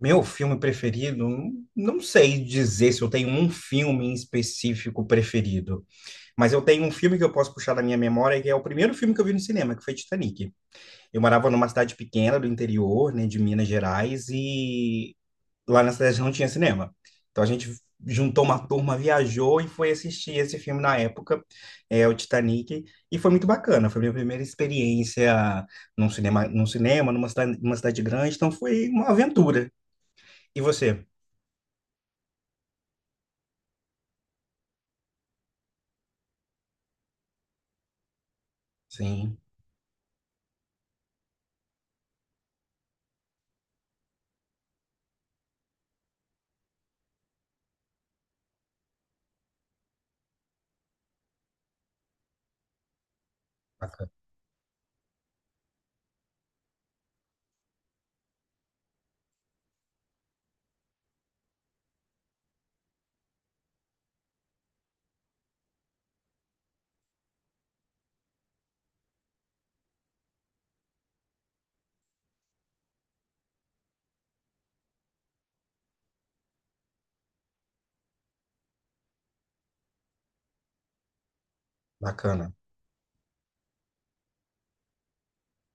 Meu filme preferido, não sei dizer se eu tenho um filme em específico preferido, mas eu tenho um filme que eu posso puxar da minha memória, que é o primeiro filme que eu vi no cinema, que foi Titanic. Eu morava numa cidade pequena do interior, né, de Minas Gerais, e lá na cidade não tinha cinema. Então a gente juntou uma turma, viajou e foi assistir esse filme na época, é o Titanic, e foi muito bacana. Foi minha primeira experiência num cinema, numa cidade grande, então foi uma aventura. E você? Sim, bacana. Bacana.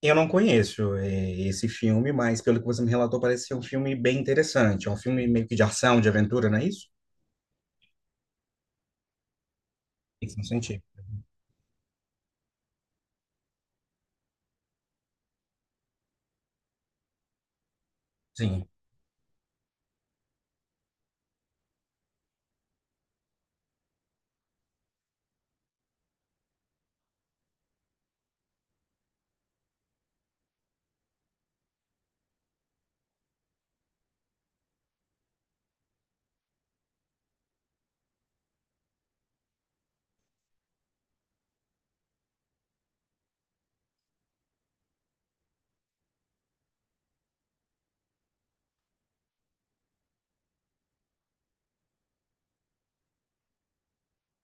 Eu não conheço esse filme, mas pelo que você me relatou, parece ser um filme bem interessante. É um filme meio que de ação, de aventura, não é isso? Ficção científica. Sim,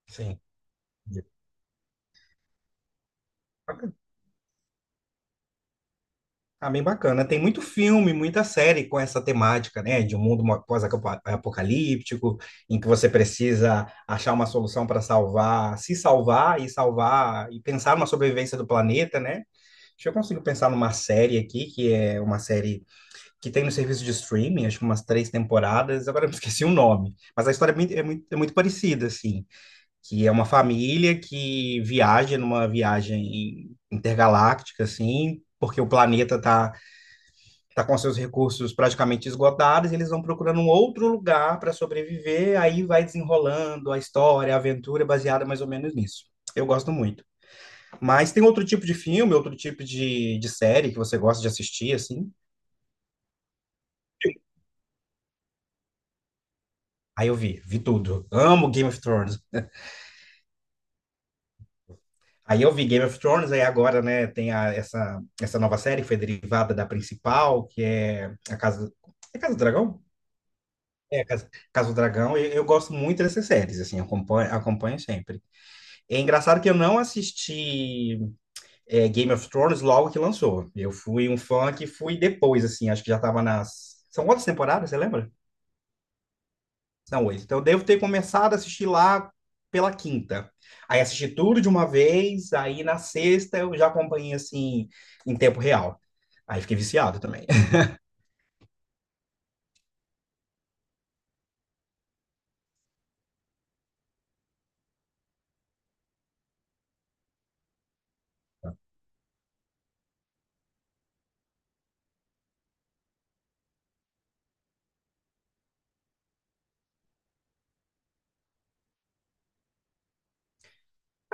sim. Bacana. Ah, bem bacana. Tem muito filme, muita série com essa temática, né? De um mundo pós-apocalíptico, em que você precisa achar uma solução para salvar, se salvar e salvar, e pensar numa sobrevivência do planeta, né? Deixa eu consigo pensar numa série aqui, que é uma série que tem no serviço de streaming, acho que umas três temporadas, agora eu esqueci o nome, mas a história é muito parecida, assim, que é uma família que viaja numa viagem intergaláctica, assim, porque o planeta tá com seus recursos praticamente esgotados, e eles vão procurando um outro lugar para sobreviver, aí vai desenrolando a história, a aventura, baseada mais ou menos nisso. Eu gosto muito. Mas tem outro tipo de filme, outro tipo de série que você gosta de assistir, assim? Aí eu vi tudo. Amo Game of Thrones. Aí eu vi Game of Thrones, aí agora, né, tem essa, essa nova série que foi derivada da principal, que é a Casa, é Casa do Dragão? É, Casa do Dragão, e eu gosto muito dessas séries, assim, eu acompanho, acompanho sempre. É engraçado que eu não assisti Game of Thrones logo que lançou. Eu fui um fã que fui depois, assim, acho que já tava nas... São quantas temporadas, você lembra? São oito. Então, eu devo ter começado a assistir lá pela quinta. Aí assisti tudo de uma vez, aí na sexta eu já acompanhei assim em tempo real. Aí fiquei viciado também.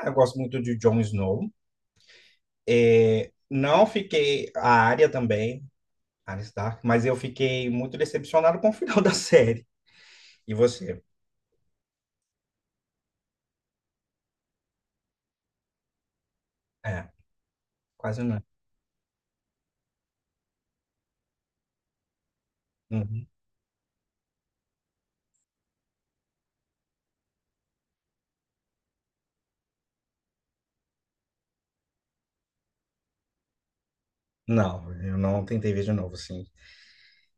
Eu gosto muito de Jon Snow. É, não fiquei a área também, Arya Stark, mas eu fiquei muito decepcionado com o final da série. E você? É, quase não. Uhum. Não, eu não tentei ver de novo, assim.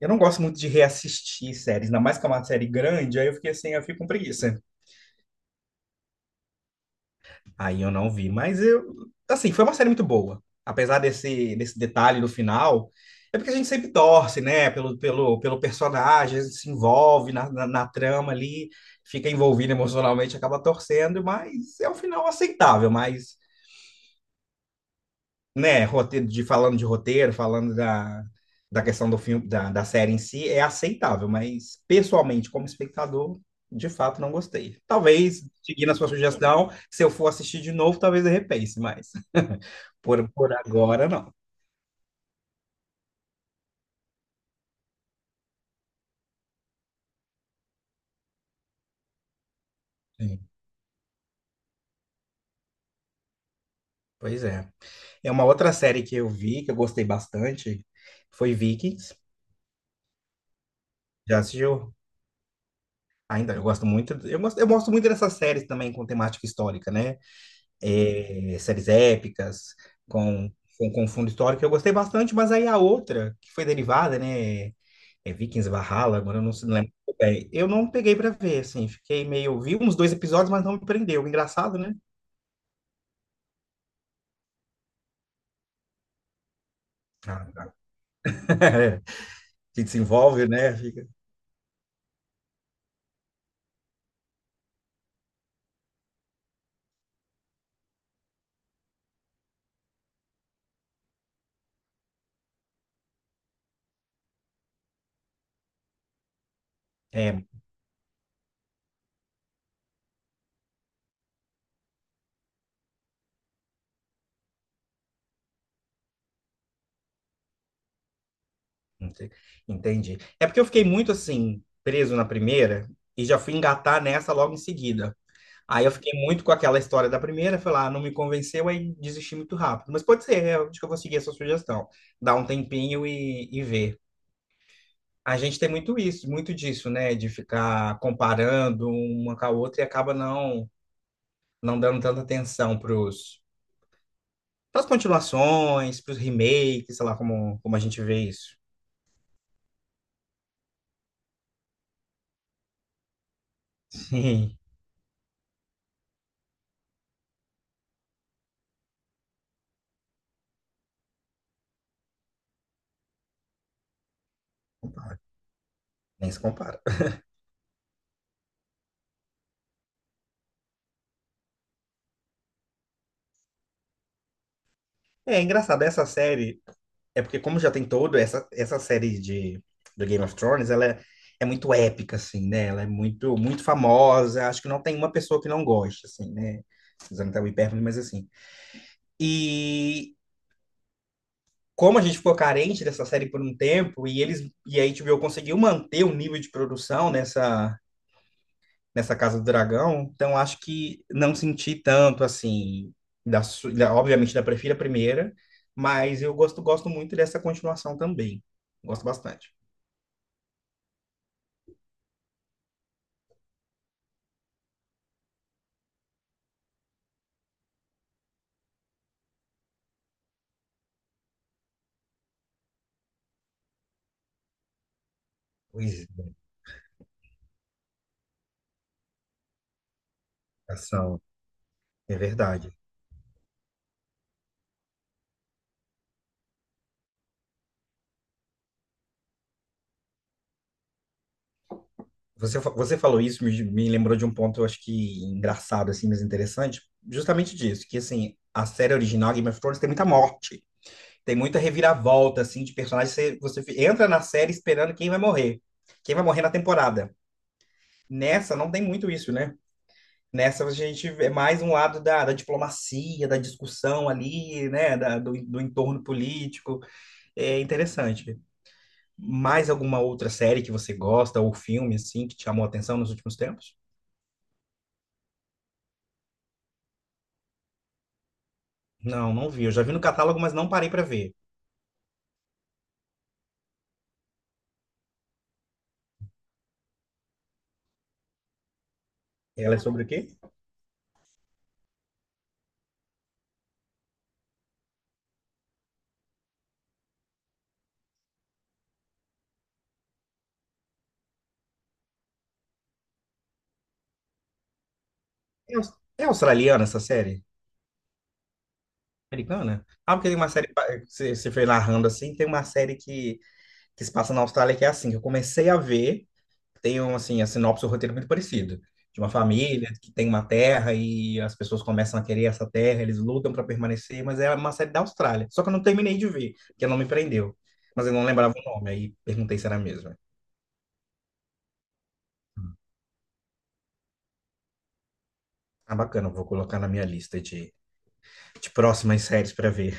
Eu não gosto muito de reassistir séries, ainda mais que é uma série grande, aí eu fiquei assim, eu fico com preguiça. Aí eu não vi, assim, foi uma série muito boa. Apesar desse detalhe do final, é porque a gente sempre torce, né, pelo personagem, a gente se envolve na trama ali, fica envolvido emocionalmente, acaba torcendo, mas é um final aceitável, mas, né, falando de roteiro, falando da questão do filme, da série em si, é aceitável, mas pessoalmente, como espectador, de fato não gostei. Talvez, seguindo a sua sugestão, se eu for assistir de novo, talvez eu repense, mas... Por agora, não. Sim, pois é. É uma outra série que eu vi, que eu gostei bastante, foi Vikings. Já assistiu? Ainda, eu gosto muito. Eu gosto muito dessas séries também com temática histórica, né? É, séries épicas, com, com fundo histórico. Eu gostei bastante, mas aí a outra, que foi derivada, né? É Vikings Valhalla, agora eu não se lembro muito bem. Eu não peguei pra ver, assim. Fiquei meio. Vi uns dois episódios, mas não me prendeu. Engraçado, né? Ah, que desenvolve, né? Fica... É, Ente- Entendi. É porque eu fiquei muito assim, preso na primeira e já fui engatar nessa logo em seguida. Aí eu fiquei muito com aquela história da primeira, foi lá, não me convenceu, aí desisti muito rápido. Mas pode ser, eu acho que eu vou seguir essa sugestão. Dar um tempinho e ver. A gente tem muito isso, muito disso, né? De ficar comparando uma com a outra e acaba não dando tanta atenção pras continuações, pros remakes, sei lá como a gente vê isso. Sim, nem se compara. É engraçado, essa série é porque como já tem todo essa série de do Game of Thrones, é muito épica assim, né? Ela é muito famosa, acho que não tem uma pessoa que não goste assim, né? Usando até o hipérbole, mas assim. E como a gente ficou carente dessa série por um tempo e a HBO conseguiu manter o nível de produção nessa Casa do Dragão, então acho que não senti tanto assim, obviamente da prefiro a primeira, mas eu gosto muito dessa continuação também. Gosto bastante. Pois é, ação. É verdade. Você, você falou isso, me lembrou de um ponto, eu acho que engraçado, assim, mas interessante, justamente disso, que, assim, a série original, Game of Thrones, tem muita morte, tem muita reviravolta, assim, de personagens, você entra na série esperando quem vai morrer na temporada. Nessa, não tem muito isso, né? Nessa, a gente vê mais um lado da diplomacia, da discussão ali, né, do entorno político, é interessante. Mais alguma outra série que você gosta, ou filme, assim, que te chamou a atenção nos últimos tempos? Não, não vi. Eu já vi no catálogo, mas não parei pra ver. Ela é sobre o quê? É, é australiana essa série? Americana? Ah, porque tem uma série, você foi narrando assim, tem uma série que se passa na Austrália que é assim, que eu comecei a ver, tem um, assim, a sinopse, o roteiro é muito parecido. De uma família que tem uma terra e as pessoas começam a querer essa terra, eles lutam para permanecer, mas é uma série da Austrália. Só que eu não terminei de ver, porque não me prendeu. Mas eu não lembrava o nome, aí perguntei se era a mesma. Ah, bacana, vou colocar na minha lista de próximas séries para ver.